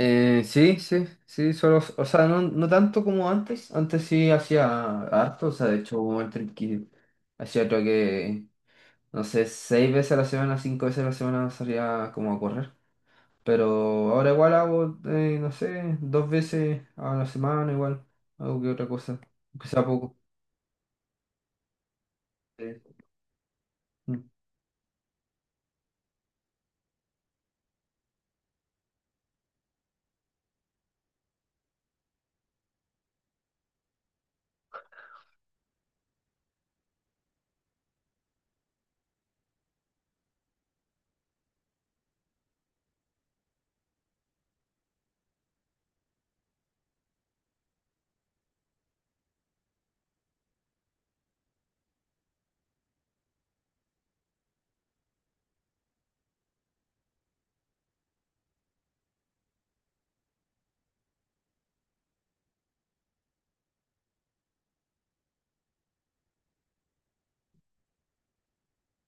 Sí, sí, sí, solo, o sea, no, no tanto como antes sí hacía harto. O sea, de hecho hubo un momento en que hacía, creo que, no sé, seis veces a la semana, cinco veces a la semana, salía como a correr. Pero ahora igual hago, no sé, dos veces a la semana igual, algo que otra cosa, aunque sea poco. Eh, mm.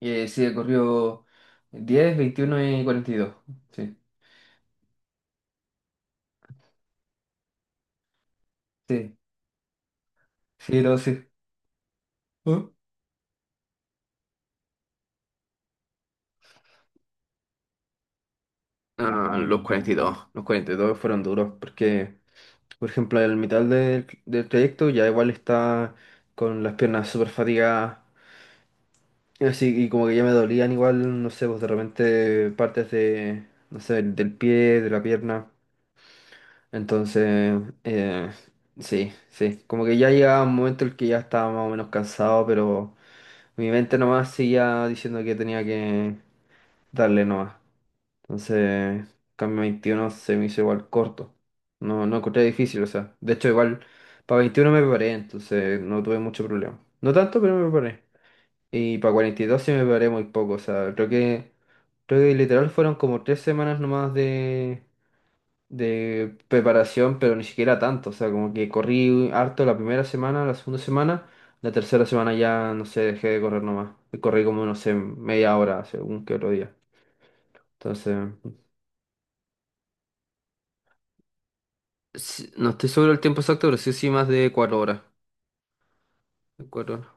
Sí, he corrido 10, 21 y 42. Sí, sí, sí, no, sí. ¿Eh? Ah, los cuarenta y dos fueron duros porque. Por ejemplo, el mitad del trayecto ya igual está con las piernas súper fatigadas. Así, y como que ya me dolían igual, no sé, pues de repente partes de, no sé, del pie, de la pierna. Entonces, sí, sí. Como que ya llegaba un momento en el que ya estaba más o menos cansado, pero mi mente nomás seguía diciendo que tenía que darle nomás. Entonces, cambio 21 se me hizo igual corto. No, no encontré difícil, o sea. De hecho, igual para 21 me preparé, entonces no tuve mucho problema. No tanto, pero me preparé. Y para 42 sí me preparé muy poco. O sea, creo que literal fueron como 3 semanas nomás de preparación. Pero ni siquiera tanto, o sea, como que corrí harto la primera semana, la segunda semana, la tercera semana ya, no sé, dejé de correr nomás. Y corrí como, no sé, media hora, según que otro día. Entonces. Sí, no estoy seguro del tiempo exacto, pero sí, sí, más de 4 horas. De cuatro horas.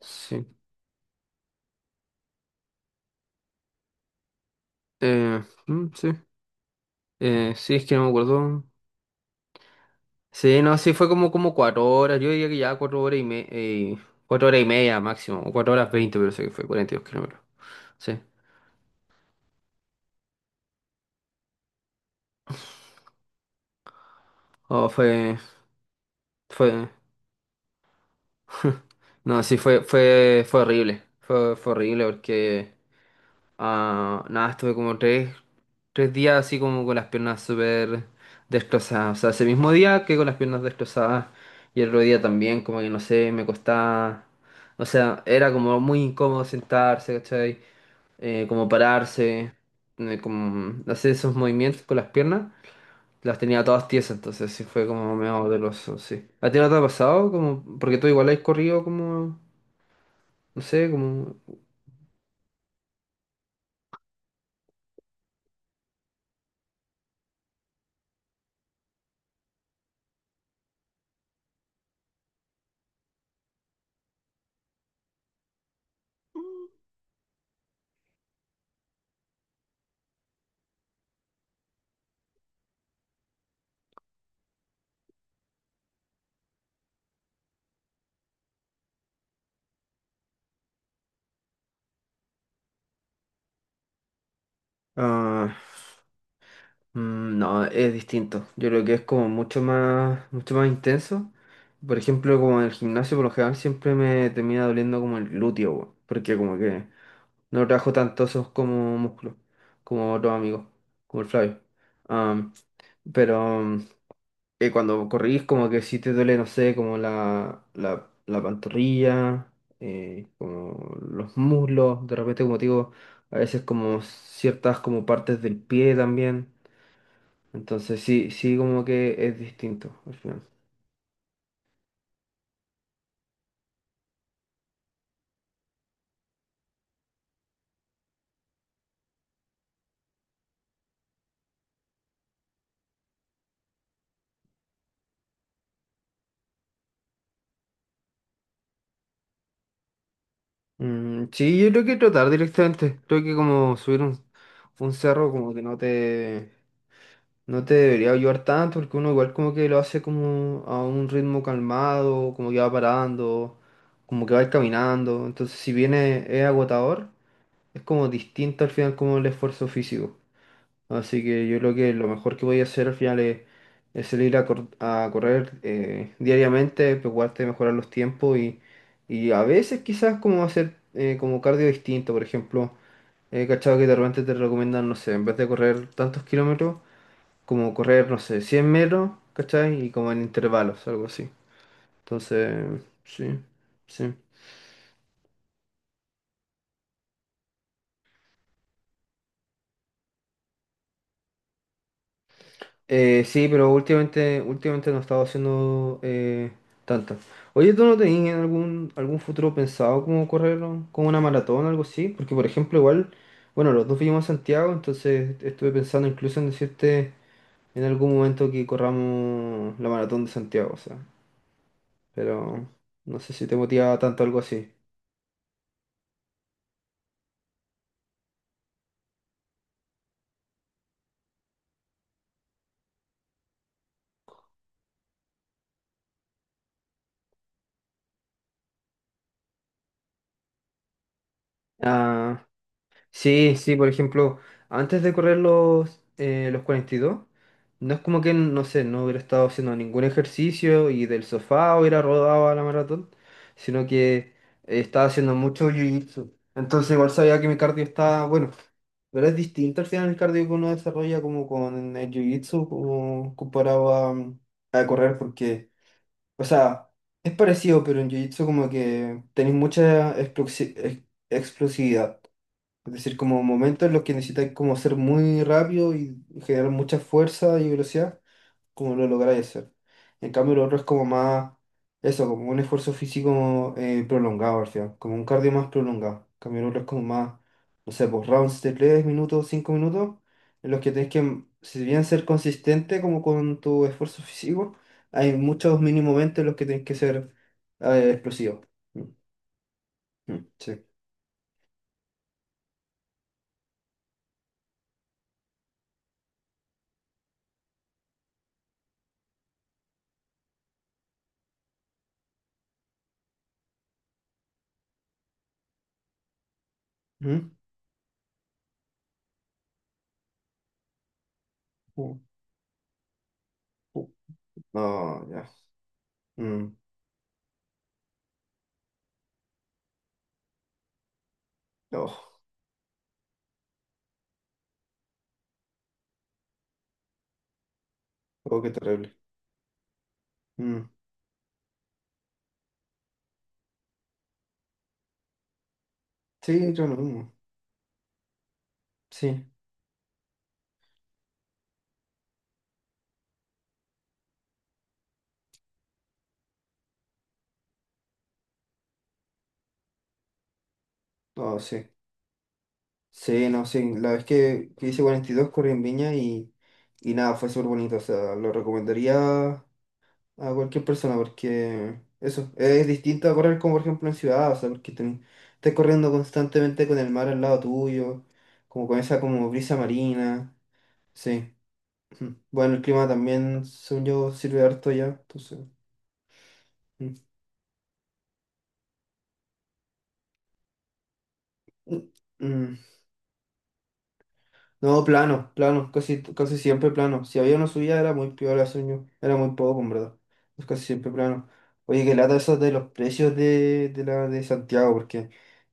Sí. Mm, sí. Sí, es que no me acuerdo. Sí, no, sí, fue como 4 horas. Yo diría que ya 4 horas y media. 4 horas y media máximo. O cuatro horas veinte, pero sé que fue 42 kilómetros. Sí. Oh, fue. No, sí, fue horrible. Fue horrible porque. Ah, nada, estuve como tres. 3 días así como con las piernas súper destrozadas. O sea, ese mismo día que con las piernas destrozadas. Y el otro día también, como que no sé, me costaba. O sea, era como muy incómodo sentarse, ¿cachai? Como pararse, como hacer esos movimientos con las piernas. Las tenía todas tiesas, entonces sí fue como medio doloroso, sí. ¿A ti no te ha pasado? Como, porque tú igual has corrido como, no sé, como. Mm, no, es distinto. Yo creo que es como mucho más intenso. Por ejemplo, como en el gimnasio, por lo general siempre me termina doliendo como el glúteo, weón, porque como que no trabajo tanto esos como músculos, como otros amigos, como el Flavio. Am, pero cuando corrís, como que sí te duele, no sé, como la pantorrilla, como los muslos, de repente, como te digo, a veces como ciertas como partes del pie también. Entonces sí, sí como que es distinto al final. Mm, sí, yo creo que trotar directamente. Creo que como subir un cerro como que no te debería ayudar tanto porque uno igual como que lo hace como a un ritmo calmado, como que va parando, como que va caminando. Entonces si bien es agotador, es como distinto al final como el esfuerzo físico. Así que yo creo que lo mejor que voy a hacer al final es salir a, a correr diariamente, preocuparte de mejorar los tiempos y a veces quizás como hacer como cardio distinto. Por ejemplo, he cachado que de repente te recomiendan, no sé, en vez de correr tantos kilómetros, como correr, no sé, 100 metros, ¿cachai? Y como en intervalos, algo así. Entonces, sí, sí. Sí, pero últimamente no he estado haciendo tantas. Oye, ¿tú no tenías algún futuro pensado como correr como una maratón o algo así? Porque, por ejemplo, igual, bueno, los dos vivimos en Santiago, entonces estuve pensando incluso en decirte en algún momento que corramos la maratón de Santiago, o sea, pero no sé si te motiva tanto algo así. Ah, sí, sí, por ejemplo, antes de correr los 42, no es como que, no sé, no hubiera estado haciendo ningún ejercicio y del sofá hubiera rodado a la maratón, sino que estaba haciendo mucho jiu-jitsu. Entonces igual sabía que mi cardio estaba bueno, pero es distinto al final el cardio que uno desarrolla como con el jiu-jitsu, como comparado a, a correr, porque, o sea, es parecido, pero en jiu-jitsu como que tenéés mucha explosividad. Es decir, como momentos en los que necesitáis como ser muy rápido y generar mucha fuerza y velocidad, como lo lográis hacer. En cambio, lo otro es como más, eso, como un esfuerzo físico prolongado al final, como un cardio más prolongado. En cambio, lo otro es como más, no sé, pues rounds de 3 minutos, 5 minutos, en los que tenés que, si bien ser consistente como con tu esfuerzo físico, hay muchos mini momentos en los que tenés que ser explosivo. Mm, mm, sí. Mm, mm, mm. No, ya. Oh, oh, qué terrible. Mm. Sí, yo lo mismo. Sí, oh, sí. Sí, no, sí. La vez que hice 42 corrí en Viña, y nada, fue súper bonito. O sea, lo recomendaría a cualquier persona porque eso es distinto a correr como por ejemplo en ciudad. O sea, porque estás corriendo constantemente con el mar al lado tuyo, como con esa como brisa marina. Sí. Ujú. Bueno, el clima también, según yo, sirve harto ya. Entonces, mm. Mm. Mm. No, plano, plano, casi, casi siempre plano. Si había una subida era muy peor sueño, era muy poco, en verdad. Es casi siempre plano. Oye, qué lata eso de los precios de la de Santiago, porque en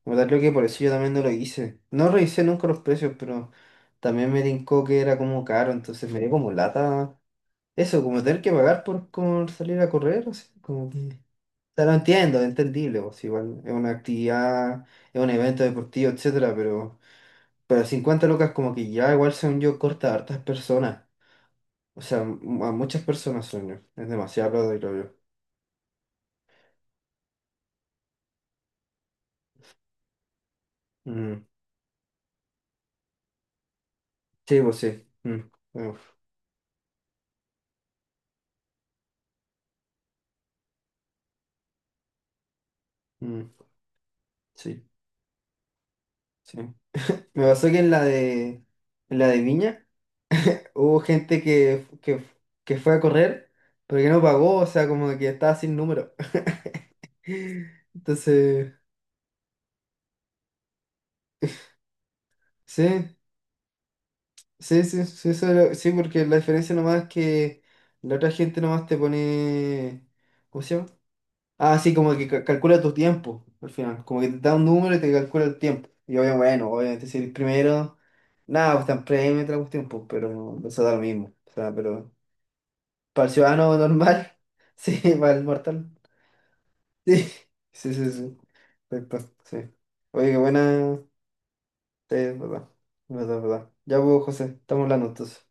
verdad creo que por eso yo también no lo hice. No revisé nunca los precios, pero también me tincó que era como caro, entonces me dio como lata. Eso, como tener que pagar por como salir a correr, así, como que. O sea, lo entiendo, es entendible, pues igual es una actividad, es un evento deportivo, etcétera, pero. Pero 50 lucas como que ya igual según yo corta a hartas personas. O sea, a muchas personas sueño. Es demasiado plata, creo yo. Mm, sí, pues sí. Mm, uf, mm, sí, sí. Me pasó que en la de Viña hubo gente que fue a correr, pero que no pagó, o sea, como que estaba sin número. Entonces, sí, sí, sí, sí, sí, porque la diferencia nomás es que la otra gente nomás te pone. ¿Cómo se llama? Ah, sí, como que calcula tu tiempo al final. Como que te da un número y te calcula el tiempo. Y obviamente, bueno, obviamente si eres primero, nada, pues tan premio y un tiempo, pero no, eso da lo mismo. O sea, pero para el ciudadano normal, sí, para el mortal. Sí, sí, sí, sí. Perfecto, sí. Oye, qué buena. Sí, es verdad. Es verdad, es verdad. Ya, pues, José, estamos hablando entonces.